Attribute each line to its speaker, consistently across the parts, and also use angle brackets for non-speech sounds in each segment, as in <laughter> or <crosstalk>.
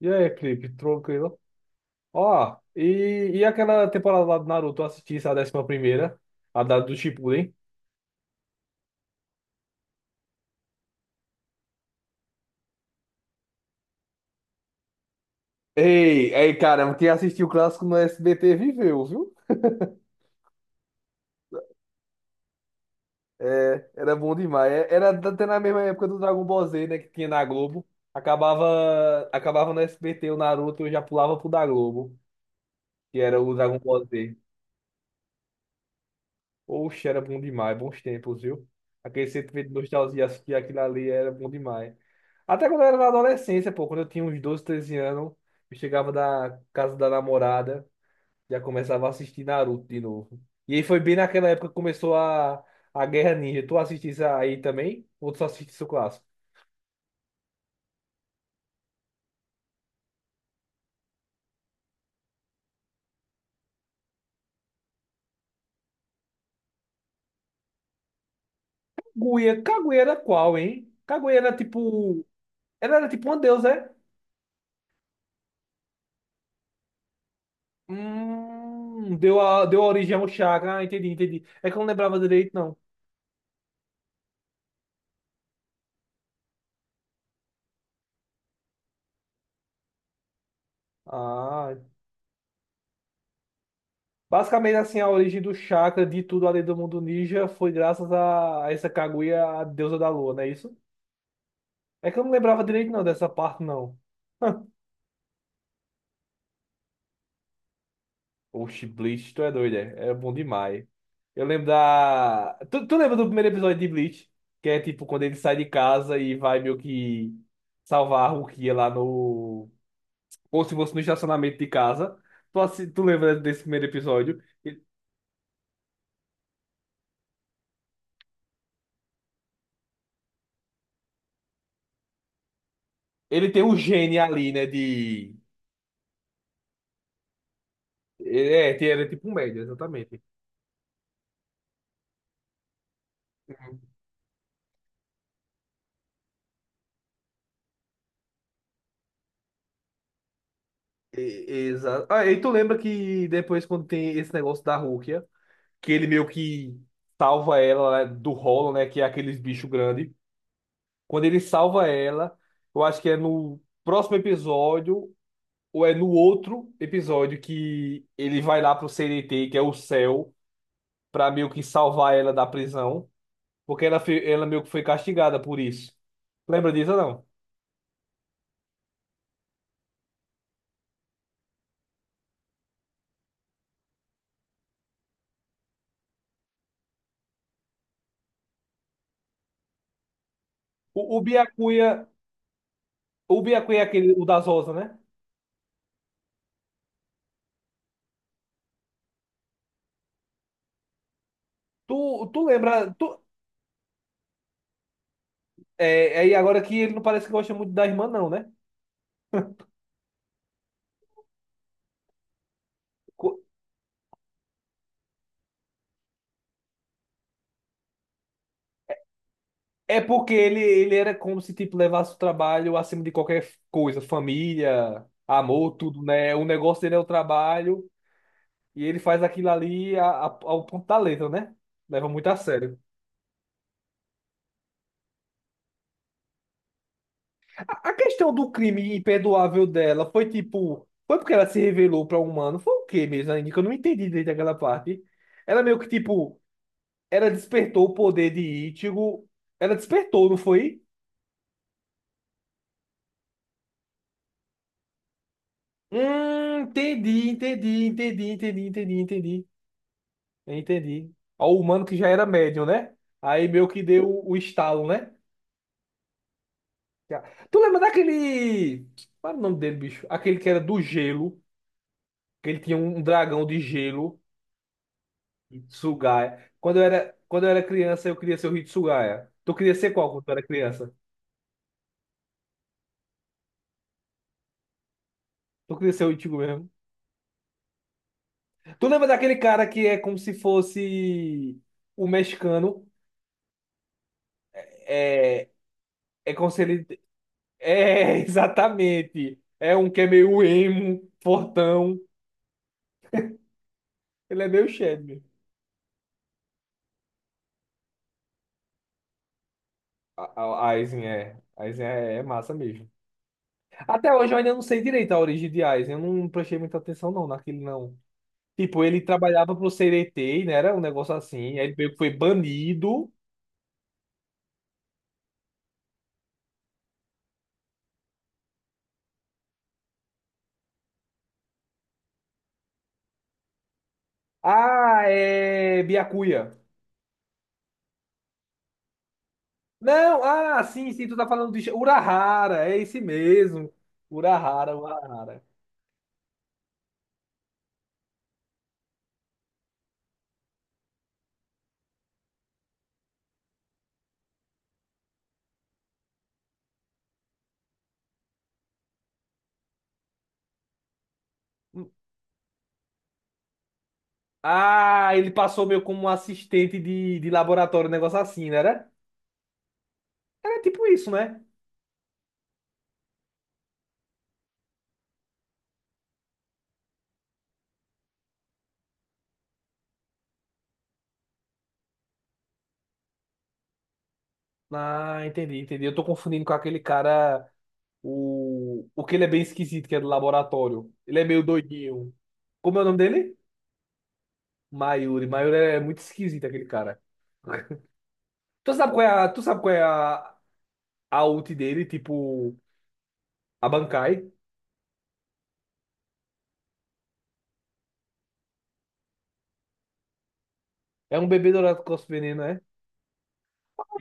Speaker 1: E aí, Felipe, tranquilo? Ó, e aquela temporada lá do Naruto, eu assisti essa 11ª, a da do Shippuden. Ei, ei, caramba, quem assistiu o clássico no SBT viveu, viu? <laughs> É, era bom demais. Era até na mesma época do Dragon Ball Z, né, que tinha na Globo. Acabava no SBT o Naruto, eu já pulava pro da Globo, que era o Dragon Ball Z. Oxe, era bom demais, bons tempos, viu? Aquele sentimento de nostalgia, assistir aquilo ali era bom demais. Até quando eu era na adolescência, pô, quando eu tinha uns 12, 13 anos, eu chegava da casa da namorada, já começava a assistir Naruto de novo. E aí foi bem naquela época que começou a Guerra Ninja. Tu assistisse aí também? Ou tu só assistisse o clássico? Kaguya, Kaguya era qual, hein? Kaguya era tipo. Ela era tipo uma deusa, é? Deu origem ao Chakra. Ah, entendi, entendi. É que eu não lembrava direito, não. Ah, basicamente assim, a origem do chakra de tudo além do mundo ninja foi graças a essa Kaguya, a deusa da lua, não é isso? É que eu não lembrava direito não dessa parte não. <laughs> Oxi, Bleach, tu é doido, é? É bom demais. Eu lembro da... Tu lembra do primeiro episódio de Bleach? Que é tipo quando ele sai de casa e vai meio que salvar a Rukia lá no... Ou se fosse no estacionamento de casa. Tu lembra desse primeiro episódio? ele tem um gene ali, né, de... É, era tipo um médio, exatamente. Uhum. Exato. Ah, e tu lembra que depois, quando tem esse negócio da Rukia, que ele meio que salva ela né, do rolo, né? Que é aqueles bichos grandes. Quando ele salva ela, eu acho que é no próximo episódio, ou é no outro episódio, que ele vai lá pro CNT, que é o céu, pra meio que salvar ela da prisão. Porque ela, ela meio que foi castigada por isso. Lembra disso ou não? O Byakuya, o Byakuya é aquele, o das rosas, né? Tu lembra. É, aí agora que ele não parece que gosta muito da irmã, não, né? Co- É porque ele era como se tipo, levasse o trabalho acima de qualquer coisa, família, amor, tudo, né? O negócio dele é o trabalho e ele faz aquilo ali ao ponto da letra, né? Leva muito a sério. A questão do crime imperdoável dela foi tipo. Foi porque ela se revelou para um humano? Foi o quê mesmo, ainda que eu não entendi desde aquela parte. Ela meio que tipo. Ela despertou o poder de Ichigo. Ela despertou, não foi? Entendi, entendi, entendi, entendi, entendi, entendi. Entendi. Ó, o humano que já era médium, né? Aí meio que deu o estalo, né? Já. Tu lembra daquele. Qual era o nome dele, bicho? Aquele que era do gelo. Que ele tinha um dragão de gelo. Hitsugaya. Quando eu era criança, eu queria ser o Hitsugaya. Tu queria ser qual quando tu era criança? Tu queria ser o Ichigo mesmo? Tu lembra daquele cara que é como se fosse o mexicano? É, é como se ele. É, <laughs> exatamente. É um que é meio emo, fortão. Ele é meio Chad. Aizen é. Aizen é massa mesmo. Até hoje eu ainda não sei direito a origem de Aizen. Eu não prestei muita atenção não naquele não. Tipo, ele trabalhava pro CDT, né? Era um negócio assim. Aí ele meio que foi banido. Ah, é Byakuya. Não, ah, sim, sim, tu tá falando de Urahara, é esse mesmo. Urahara, Urahara. Ah, ele passou meio como um assistente de, laboratório, um negócio assim, né? Era tipo isso, né? Ah, entendi, entendi. Eu tô confundindo com aquele cara, o que ele é bem esquisito, que é do laboratório. Ele é meio doidinho. Como é o nome dele? Mayuri. Mayuri é muito esquisito, aquele cara. Tu sabe qual é a ult dele, tipo, a Bankai? É um bebê dourado com veneno, é?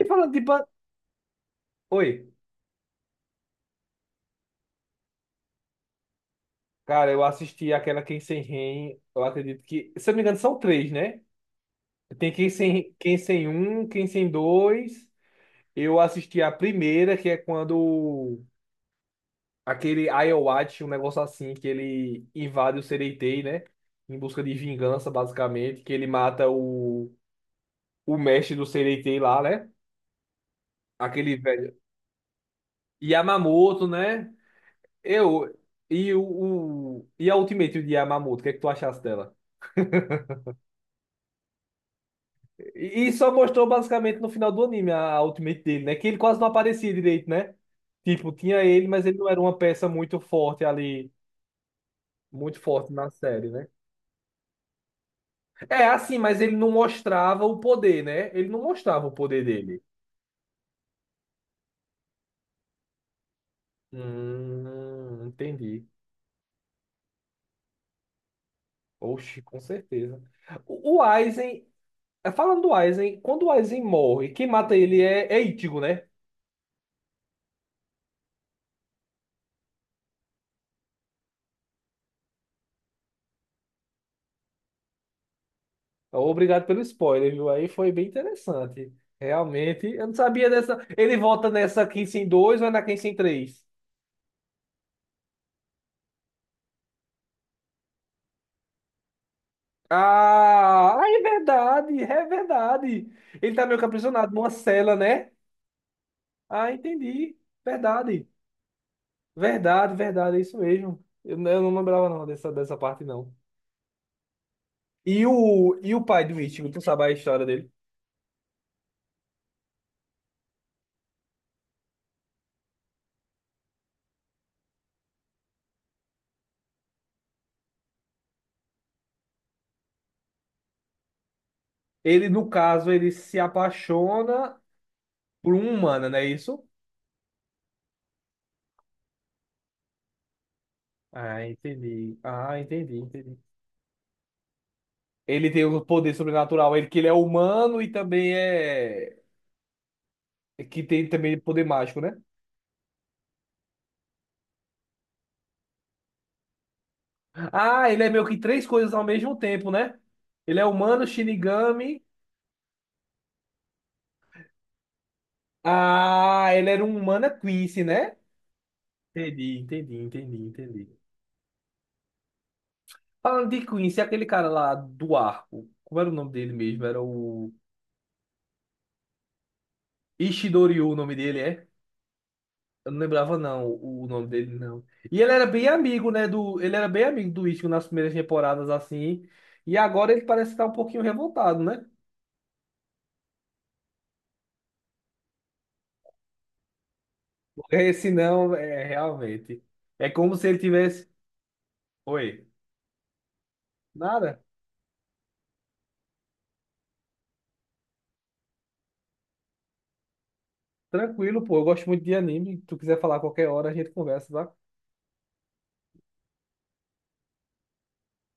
Speaker 1: E falando de ban... Oi, cara, eu assisti aquela Quem Sem Ren, eu acredito que, se eu não me engano, são três, né? Tem Quem Sem, Quem Sem Um, Quem Sem Dois. Eu assisti a primeira, que é quando aquele Ayoachi, um negócio assim, que ele invade o Sereitei, né? Em busca de vingança, basicamente, que ele mata o, mestre do Sereitei lá, né? Aquele velho. Yamamoto, né? Eu. E o, E a Ultimate de Yamamoto, o que é que tu achaste dela? E só mostrou basicamente no final do anime a Ultimate dele, né? Que ele quase não aparecia direito, né? Tipo, tinha ele, mas ele não era uma peça muito forte ali, muito forte na série, né? É assim, mas ele não mostrava o poder, né? Ele não mostrava o poder dele. Entendi. Oxi, com certeza. O Aizen, falando do Aizen, quando o Aizen morre, quem mata ele é Ichigo, né? Obrigado pelo spoiler, viu? Aí foi bem interessante. Realmente, eu não sabia dessa. Ele volta nessa 15 em 2 ou é na 15 em três Ah, ah, é verdade, é verdade. Ele tá meio que aprisionado numa cela, né? Ah, entendi. Verdade, verdade, verdade, é isso mesmo. Eu não lembrava não dessa, parte, não. E o pai do Ichigo, tu sabe a história dele? Ele, no caso, ele se apaixona por uma humano, não é isso? Ah, entendi. Ah, entendi, entendi. Ele tem o poder sobrenatural, ele que ele é humano e também é que tem também poder mágico, né? Ah, ele é meio que três coisas ao mesmo tempo, né? Ele é humano, Shinigami. Ah, ele era um humano é Quincy, né? Entendi, entendi, entendi, entendi. Falando de Quincy, aquele cara lá do arco, como era o nome dele mesmo? Era o Ishidoryu, o nome dele é? Eu não lembrava, não, o nome dele, não. E ele era bem amigo, né? Ele era bem amigo do Ichigo nas primeiras temporadas, assim. E agora ele parece estar um pouquinho revoltado, né? Porque esse não, é realmente. É como se ele tivesse. Oi. Nada. Tranquilo, pô. Eu gosto muito de anime. Se tu quiser falar a qualquer hora, a gente conversa, tá?